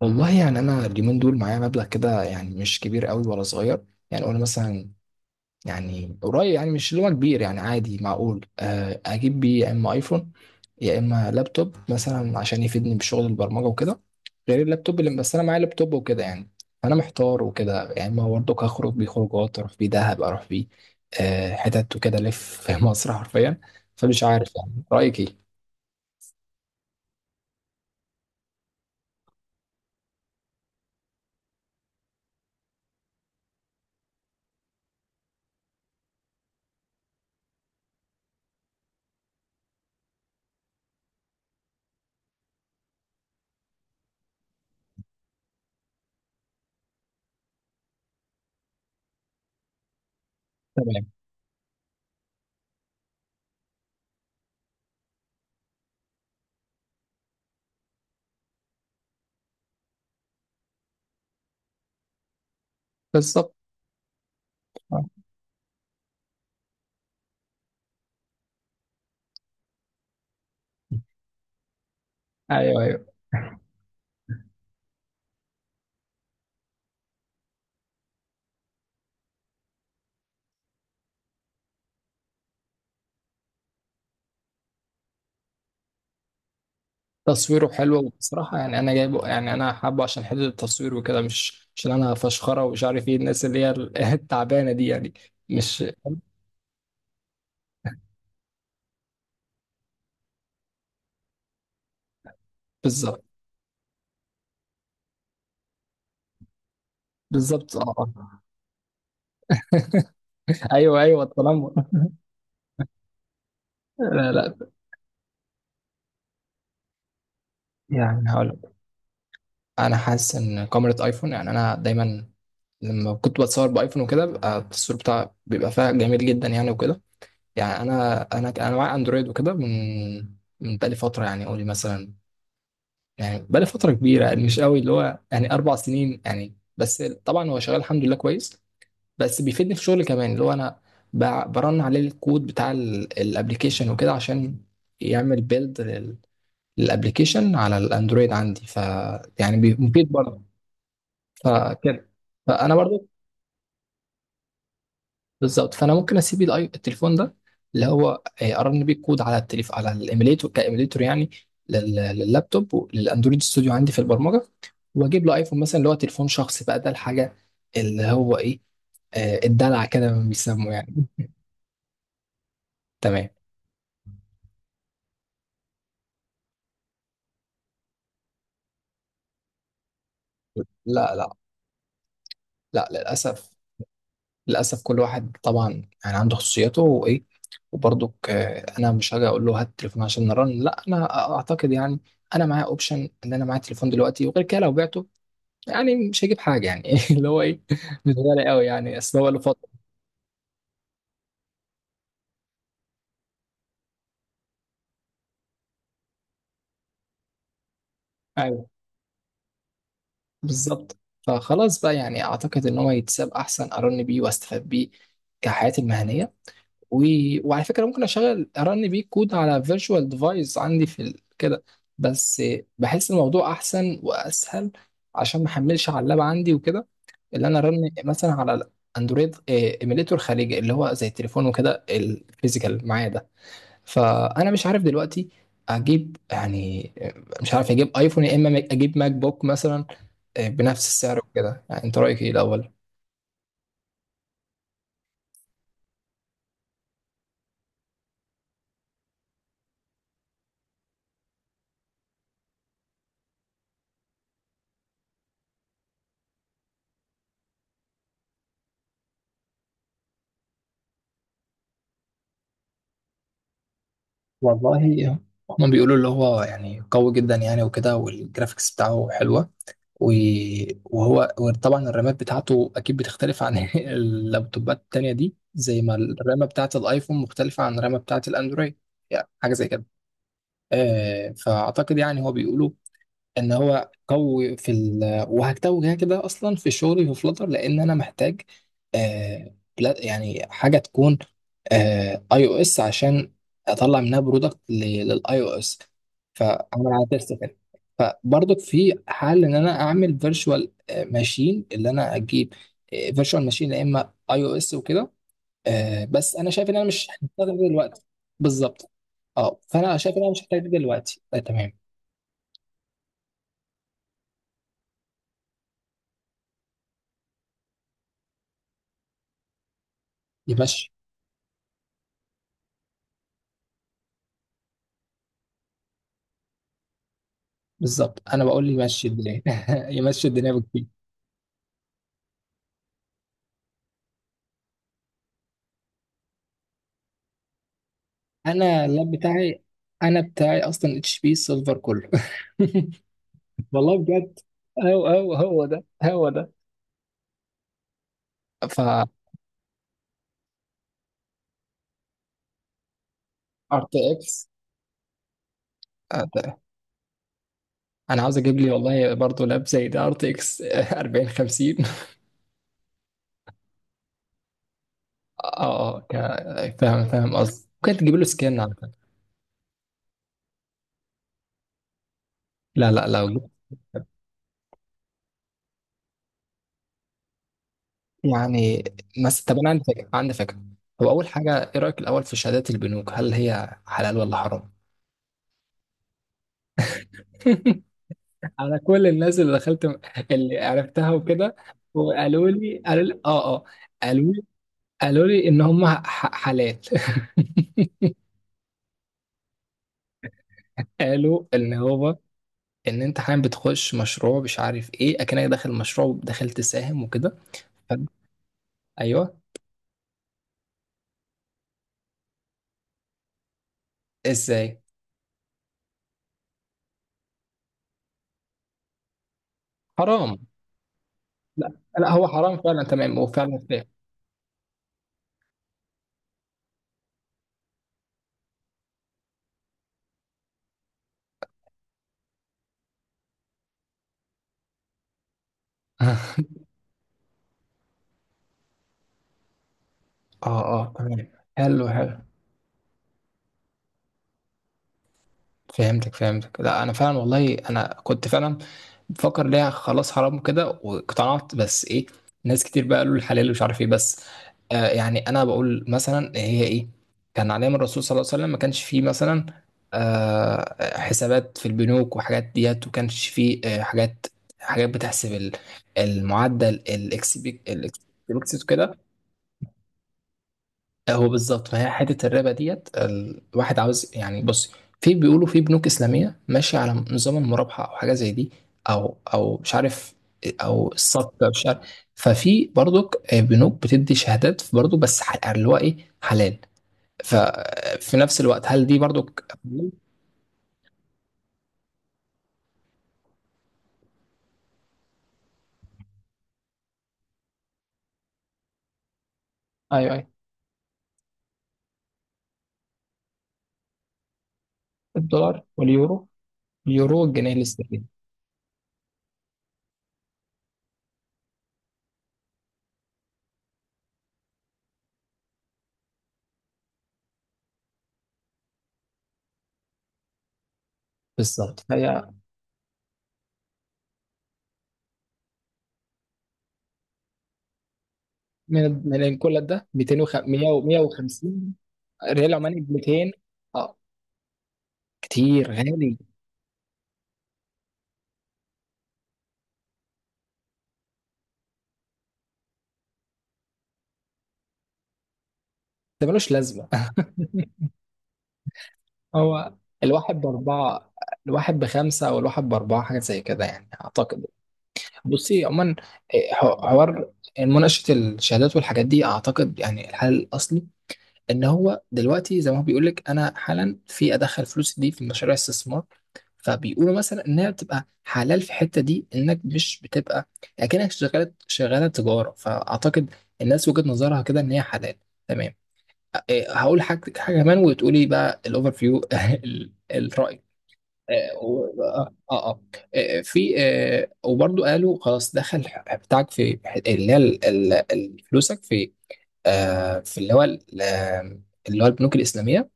والله يعني انا اليومين دول معايا مبلغ كده يعني مش كبير قوي ولا صغير. يعني قلنا مثلا يعني قريب، يعني مش اللي هو كبير، يعني عادي معقول، اجيب بيه يا اما ايفون يا اما لابتوب مثلا عشان يفيدني بشغل البرمجه وكده، غير اللابتوب اللي بس انا معايا لابتوب وكده يعني. فانا محتار وكده يعني، ما برضك هخرج بيه خروجات، اروح بيه دهب، اروح بيه حتت وكده، الف في مصر حرفيا. فمش عارف يعني رايك ايه؟ تمام. بالظبط. آه. ايوه، أيوه. تصويره حلو، وبصراحة يعني أنا جايبه يعني أنا حابه عشان حتة التصوير وكده، مش عشان أنا فشخرة ومش عارف إيه الناس اللي هي التعبانة دي يعني. مش. بالظبط بالظبط أه. أيوه أيوه التنمر لا لا، يعني هقول لك. أنا حاسس إن كاميرا أيفون يعني أنا دايما لما كنت بتصور بأيفون وكده بيبقى التصوير بتاع بيبقى فيها جميل جدا يعني وكده. يعني أنا معايا أندرويد وكده من بقالي فترة يعني، قولي مثلا يعني بقالي فترة كبيرة يعني، مش قوي اللي هو يعني أربع سنين يعني، بس طبعا هو شغال الحمد لله كويس. بس بيفيدني في شغلي كمان اللي هو أنا برن عليه الكود بتاع الابلكيشن وكده عشان يعمل بيلد للابلكيشن على الأندرويد عندي. ف يعني مفيد برضه. فكده، فأنا برضه. بالظبط، فانا ممكن اسيب التليفون ده اللي هو ارن بيه كود على التليف على الايميليتور كايميليتور يعني، لللابتوب وللاندرويد ستوديو عندي في البرمجه، واجيب له ايفون مثلا اللي هو تليفون شخصي بقى. ده الحاجه اللي هو ايه، الدلع كده ما بيسموه يعني. تمام. لا لا، لا للأسف. للأسف كل واحد طبعا يعني عنده خصوصيته وإيه، وبرضك أنا مش هاجي أقول له هات التليفون عشان نرن. لا، أنا أعتقد يعني أنا معايا أوبشن إن أنا معايا تليفون دلوقتي، وغير كده لو بعته يعني مش هجيب حاجة يعني. اللي هو ايه، مش غالي قوي يعني، اصل هو له فترة. ايوه. بالظبط. فخلاص بقى يعني اعتقد ان هو يتساب احسن، ارن بيه واستفاد بيه كحياتي المهنية. و... وعلى فكرة ممكن اشغل ارن بيه كود على فيرتشوال ديفايس عندي في ال كده. بس بحس الموضوع احسن واسهل عشان ما احملش على اللاب عندي وكده، اللي انا رن مثلا على اندرويد ايميليتور خارجي اللي هو زي التليفون وكده الفيزيكال معايا ده. فانا مش عارف دلوقتي اجيب يعني، مش عارف اجيب ايفون يا اما اجيب ماك بوك مثلا بنفس السعر وكده. يعني انت رايك ايه الاول؟ والله هما بيقولوا اللي هو يعني قوي جدا يعني وكده والجرافيكس بتاعه حلوة، و- وهو وطبعا الرامات بتاعته أكيد بتختلف عن اللابتوبات التانية دي، زي ما الرامة بتاعة الآيفون مختلفة عن الرامة بتاعة الأندرويد يعني، حاجة زي كده. فأعتقد يعني هو بيقولوا ان هو قوي في ال، وهكتبه كده كده اصلا في شغلي في فلاتر لان انا محتاج آه يعني حاجه تكون اي او اس عشان اطلع منها برودكت للاي او اس. فانا عدلت كده. فبرضك في حل ان انا اعمل فيرتشوال ماشين، اللي انا اجيب فيرتشوال ماشين يا اما اي او اس وكده. بس انا شايف ان انا مش هحتاج ده دلوقتي. بالظبط. اه، فانا شايف ان انا مش هحتاج ده دلوقتي. تمام. يبقى. بالظبط، انا بقول لي مشي الدنيا يمشي الدنيا بكتير. انا اللاب بتاعي، انا بتاعي اصلا اتش بي سيلفر كله. والله بجد، هو هو هو ده هو ده. ف ار تي اكس. انا عاوز اجيب لي والله برضه لاب زي ده ار تي اكس 40 50. اه اه، فاهم فاهم قصدي، ممكن تجيب له سكان على فكره. لا لا، لو جبت. يعني مثلا، طب انا عندي فكره عندي فكره، هو اول حاجه ايه رايك الاول في شهادات البنوك، هل هي حلال ولا حرام؟ على كل الناس اللي دخلت اللي عرفتها وكده، وقالوا لي قالوا لي اه اه، قالوا لي قالوا لي ان هم حالات قالوا ان هو ان انت حاليا بتخش مشروع مش عارف ايه، اكنك داخل مشروع وداخل تساهم وكده. فاهم؟ ايوه. ازاي؟ حرام. لا لا، هو حرام فعلا، تمام، هو فعلا فاهم. اه اه، تمام. حلو حلو. فهمتك فهمتك، لا انا فعلا والله انا كنت فعلا بفكر ليه، خلاص حرام كده واقتنعت، بس ايه، ناس كتير بقى قالوا الحلال مش عارف ايه. بس آه يعني انا بقول مثلا هي ايه، كان عليها من الرسول صلى الله عليه وسلم، ما كانش فيه مثلا آه حسابات في البنوك وحاجات ديت، وكانش فيه آه حاجات، حاجات بتحسب المعدل الاكس بي، الاكس. هو بالظبط، فهي حته الربا ديت الواحد عاوز يعني. بص، في بيقولوا في بنوك اسلاميه ماشيه على نظام المرابحه او حاجه زي دي، او او مش عارف، او السبق أو مش عارف. ففي برضك بنوك بتدي شهادات برضه، بس يعني اللي هو ايه، حلال. ففي نفس الوقت هل دي برضك حلال؟ ايوه ايوه. الدولار واليورو. اليورو والجنيه الاسترليني. بالظبط. فهي من كل ده، 250 ريال عماني ب 200. اه كتير غالي. ده ملوش لازمة. هو الواحد بأربعة، الواحد بخمسة أو الواحد بأربعة، حاجة زي كده يعني أعتقد. بصي عموما، إيه، حوار مناقشة الشهادات والحاجات دي، أعتقد يعني الحل الأصلي إن هو دلوقتي زي ما هو بيقول لك، أنا حالا في أدخل فلوس دي في مشاريع استثمار. فبيقولوا مثلا إنها بتبقى حلال في الحتة دي، إنك مش بتبقى أكنك شغالة، شغالة تجارة. فأعتقد الناس وجهة نظرها كده إن هي حلال. تمام. إيه، هقول حاجة حاجة كمان وتقولي بقى الأوفر فيو. الرأي. آه، و- آه, آه, في آه وبرضو قالوا خلاص دخل بتاعك في، اللي هي فلوسك في آه في اللي هو اللي هو البنوك الإسلامية.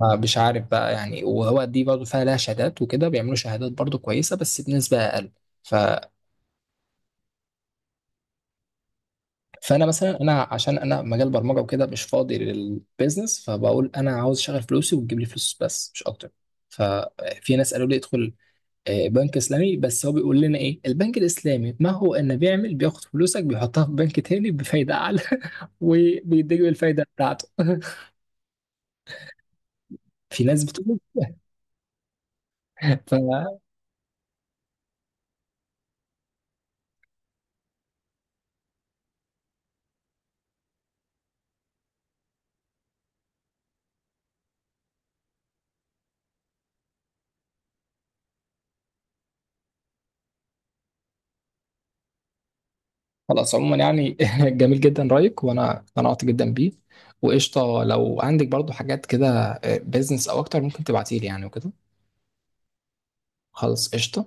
فمش عارف بقى يعني، وهو دي برضو فيها لها شهادات وكده، بيعملوا شهادات برضو كويسة بس بنسبة أقل. فانا مثلا انا عشان انا مجال برمجه وكده، مش فاضي للبيزنس، فبقول انا عاوز اشغل فلوسي وتجيب لي فلوس بس، مش اكتر. ففي ناس قالوا لي ادخل بنك اسلامي، بس هو بيقول لنا ايه البنك الاسلامي، ما هو انه بيعمل بياخد فلوسك بيحطها في بنك تاني بفايده اعلى وبيديك الفايده بتاعته. في ناس بتقول. فخلاص. عموما يعني جميل جدا رايك وانا اقتنعت جدا بيه. وقشطه لو عندك برضو حاجات كده بيزنس او اكتر، ممكن تبعتيلي يعني وكده. خلاص قشطه.